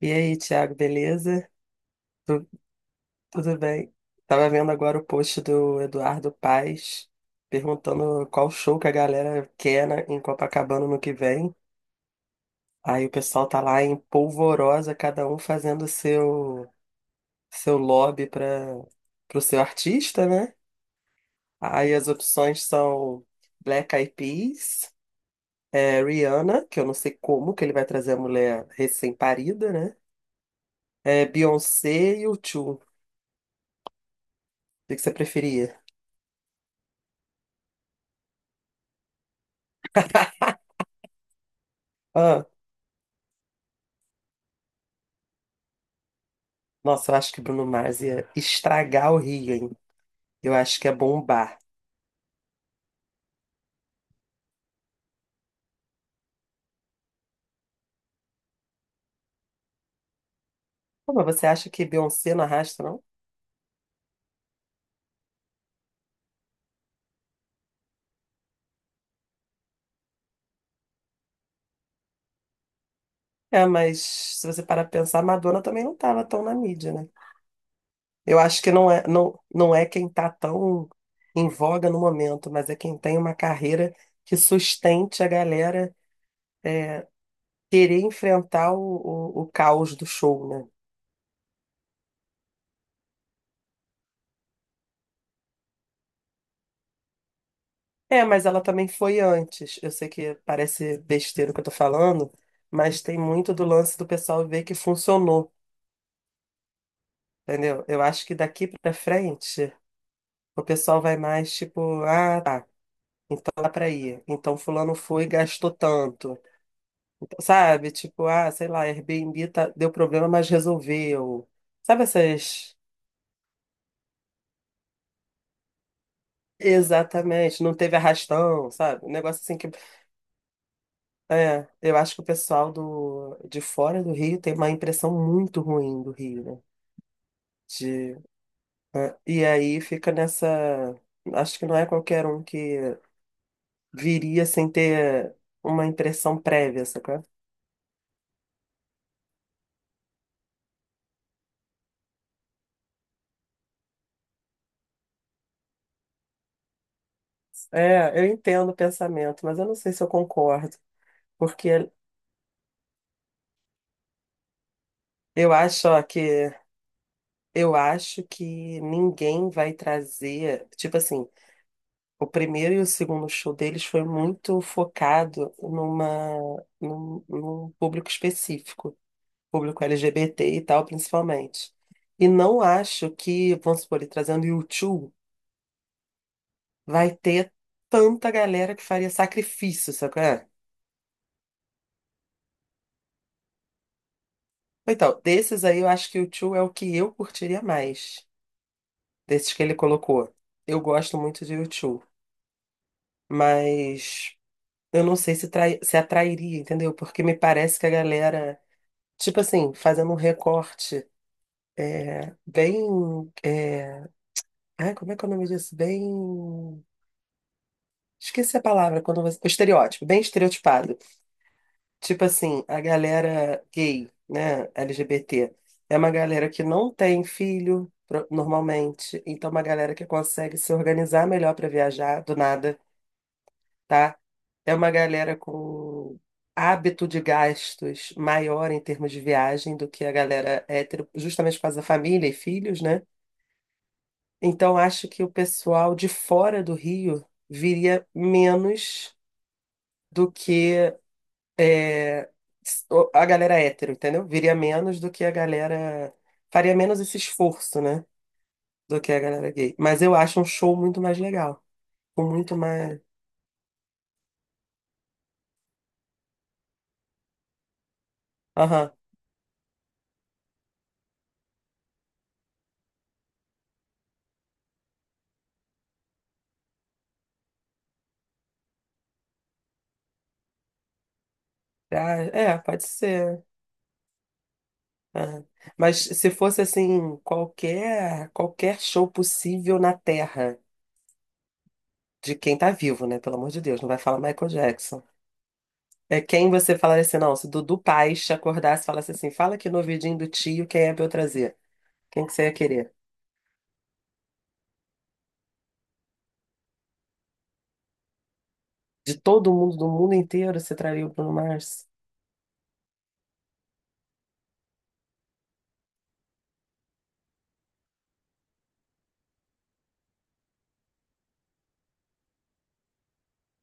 E aí, Thiago, beleza? Tu- Tudo bem? Tava vendo agora o post do Eduardo Paes perguntando qual show que a galera quer em Copacabana no que vem. Aí o pessoal tá lá em polvorosa, cada um fazendo seu lobby para pro seu artista, né? Aí as opções são Black Eyed Peas, Rihanna, que eu não sei como que ele vai trazer a mulher recém-parida, né? É, Beyoncé e U2. O que que você preferia? Nossa, eu acho que Bruno Mars ia estragar o Rio, hein? Eu acho que é bombar. Pô, mas você acha que Beyoncé não arrasta, não? É, mas se você parar pra pensar, Madonna também não tava tão na mídia, né? Eu acho que não é, não, não é quem tá tão em voga no momento, mas é quem tem uma carreira que sustente a galera é, querer enfrentar o caos do show, né? É, mas ela também foi antes. Eu sei que parece besteira o que eu tô falando, mas tem muito do lance do pessoal ver que funcionou. Entendeu? Eu acho que daqui pra frente o pessoal vai mais tipo, ah, tá. Então dá pra ir. Então fulano foi e gastou tanto. Então, sabe? Tipo, ah, sei lá, Airbnb deu problema, mas resolveu. Sabe essas. Exatamente, não teve arrastão, sabe? Um negócio assim que. É, eu acho que o pessoal de fora do Rio tem uma impressão muito ruim do Rio, né? De, e aí fica nessa. Acho que não é qualquer um que viria sem ter uma impressão prévia, sacou? É, eu entendo o pensamento, mas eu não sei se eu concordo, porque eu acho, ó, que eu acho que ninguém vai trazer, tipo assim, o primeiro e o segundo show deles foi muito focado num público específico, público LGBT e tal, principalmente. E não acho que, vamos supor, ele trazendo U2, vai ter tanta galera que faria sacrifício, sacou? Então, desses aí eu acho que o U2 é o que eu curtiria mais, desses que ele colocou. Eu gosto muito de U2, mas eu não sei se atrairia, entendeu? Porque me parece que a galera, tipo assim, fazendo um recorte bem. É, ai, como é que é o nome disso? Bem. Esqueci a palavra quando você. O estereótipo, bem estereotipado. Tipo assim, a galera gay, né, LGBT, é uma galera que não tem filho, normalmente, então é uma galera que consegue se organizar melhor para viajar, do nada, tá? É uma galera com hábito de gastos maior em termos de viagem do que a galera hétero, justamente por causa da família e filhos, né? Então acho que o pessoal de fora do Rio viria menos do que é, a galera é hétero, entendeu? Viria menos do que a galera. Faria menos esse esforço, né? Do que a galera gay. Mas eu acho um show muito mais legal. Com muito mais. Aham. Ah, é, pode ser. Aham. Mas se fosse assim, qualquer show possível na Terra, de quem tá vivo, né? Pelo amor de Deus, não vai falar Michael Jackson. É quem você falaria assim, não, se Dudu Paes te acordasse e falasse assim, fala aqui no ouvidinho do tio quem é pra eu trazer. Quem que você ia querer? De todo mundo, do mundo inteiro, você traria o Bruno Mars?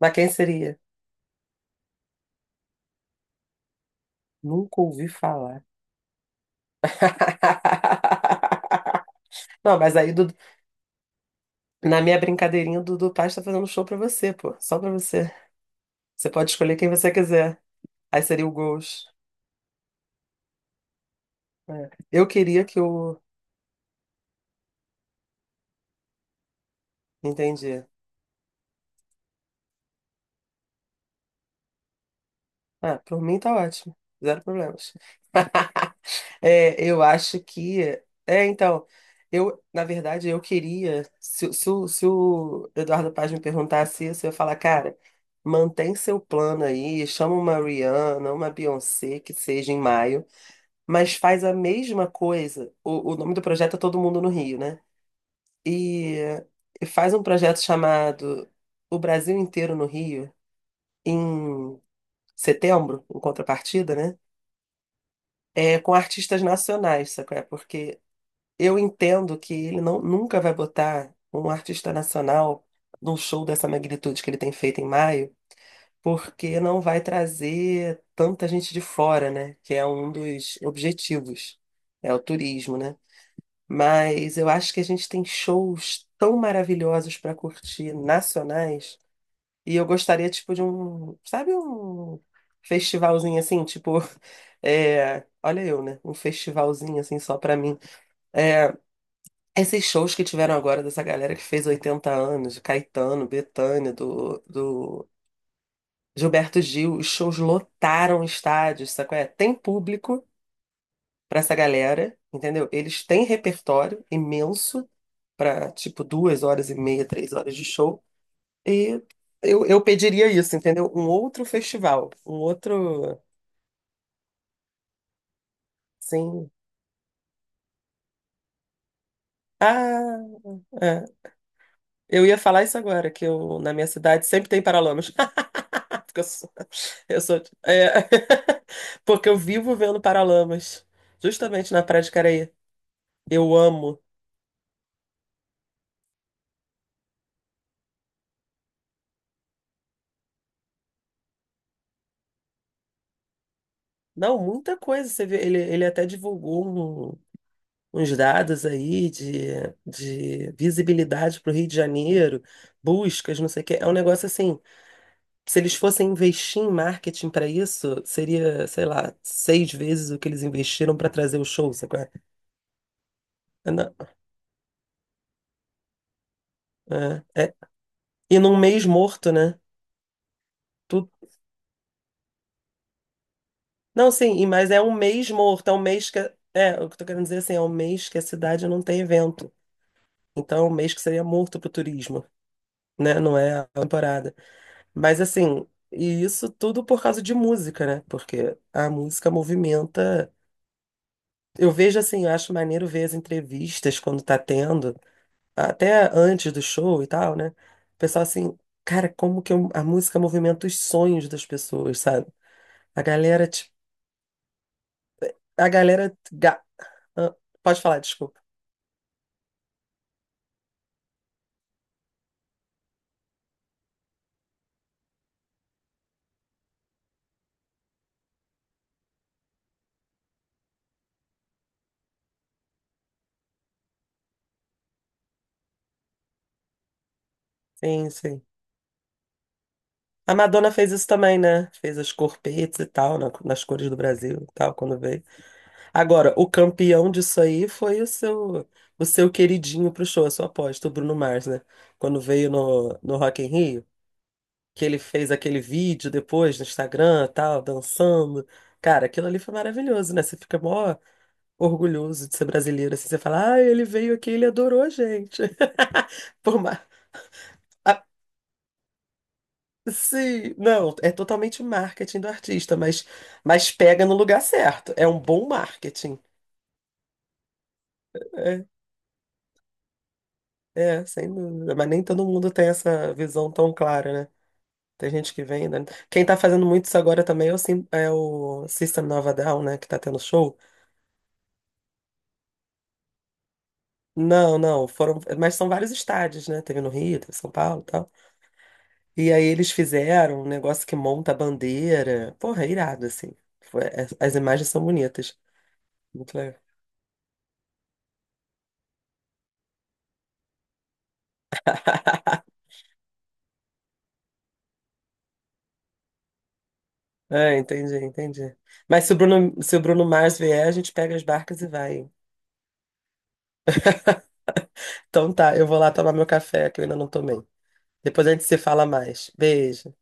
Mas quem seria? Nunca ouvi falar. Não, mas aí Dudu, na minha brincadeirinha, o Dudu Paz tá fazendo um show pra você, pô. Só pra você. Você pode escolher quem você quiser. Aí seria o Ghost. É. Eu queria que o. Entendi. Ah, por mim tá ótimo. Zero problemas. É, eu acho que. É, então, eu, na verdade, eu queria. Se o Eduardo Paz me perguntasse isso, eu ia falar, cara, mantém seu plano aí, chama uma Rihanna, uma Beyoncé, que seja em maio, mas faz a mesma coisa. O nome do projeto é Todo Mundo no Rio, né? E, e faz um projeto chamado O Brasil Inteiro no Rio, em setembro, em contrapartida, né? É, com artistas nacionais, sabe? É? Porque eu entendo que ele nunca vai botar um artista nacional num show dessa magnitude que ele tem feito em maio, porque não vai trazer tanta gente de fora, né? Que é um dos objetivos, é o turismo, né? Mas eu acho que a gente tem shows tão maravilhosos para curtir nacionais, e eu gostaria, tipo, de um, sabe, um festivalzinho assim, tipo, é, olha eu, né? Um festivalzinho assim só para mim. Esses shows que tiveram agora dessa galera que fez 80 anos, de Caetano, Bethânia, do Gilberto Gil, os shows lotaram estádios, sabe qual é? Tem público pra essa galera, entendeu? Eles têm repertório imenso pra tipo duas horas e meia, três horas de show. E eu pediria isso, entendeu? Um outro festival, um outro, sim. Ah, é. Eu ia falar isso agora, que eu, na minha cidade sempre tem Paralamas. Porque eu sou. eu sou- é, Porque eu vivo vendo Paralamas, justamente na Praia de Caraí. Eu amo. Não, muita coisa. Você vê, ele até divulgou uns dados aí de visibilidade para o Rio de Janeiro, buscas, não sei o quê. É um negócio assim. Se eles fossem investir em marketing para isso, seria, sei lá, seis vezes o que eles investiram para trazer o show, sabe? Qual é? É, não, é, é. E num mês morto, né? Não, sim, mas é um mês morto, é um mês que. É, o que eu tô querendo dizer assim, é um mês que a cidade não tem evento. Então, é um mês que seria morto pro turismo, né? Não é a temporada. Mas assim, e isso tudo por causa de música, né? Porque a música movimenta. Eu vejo assim, eu acho maneiro ver as entrevistas quando tá tendo, até antes do show e tal, né? O pessoal assim, cara, a música movimenta os sonhos das pessoas, sabe? A galera, tipo, a galera. Ah, pode falar, desculpa. Sim, sim. A Madonna fez isso também, né? Fez as corpetes e tal, nas cores do Brasil e tal, quando veio. Agora, o campeão disso aí foi o seu, queridinho pro show, a sua aposta, o Bruno Mars, né? Quando veio no Rock in Rio, que ele fez aquele vídeo depois no Instagram e tal, dançando. Cara, aquilo ali foi maravilhoso, né? Você fica mó orgulhoso de ser brasileiro, assim, você fala, ah, ele veio aqui, ele adorou a gente. Por mais. Sim, não, é totalmente marketing do artista, mas pega no lugar certo. É um bom marketing. É, é, sem dúvida. Mas nem todo mundo tem essa visão tão clara, né? Tem gente que vem, né? Quem tá fazendo muito isso agora também é o System Nova Down, né? Que tá tendo show. Não, não, foram. Mas são vários estádios, né? Teve no Rio, teve em São Paulo e tal. E aí eles fizeram um negócio que monta a bandeira. Porra, é irado, assim. As imagens são bonitas. Muito legal. Ah, entendi, entendi. Mas se o Bruno, Mars vier, a gente pega as barcas e vai. Então tá, eu vou lá tomar meu café, que eu ainda não tomei. Depois a gente se fala mais. Beijo.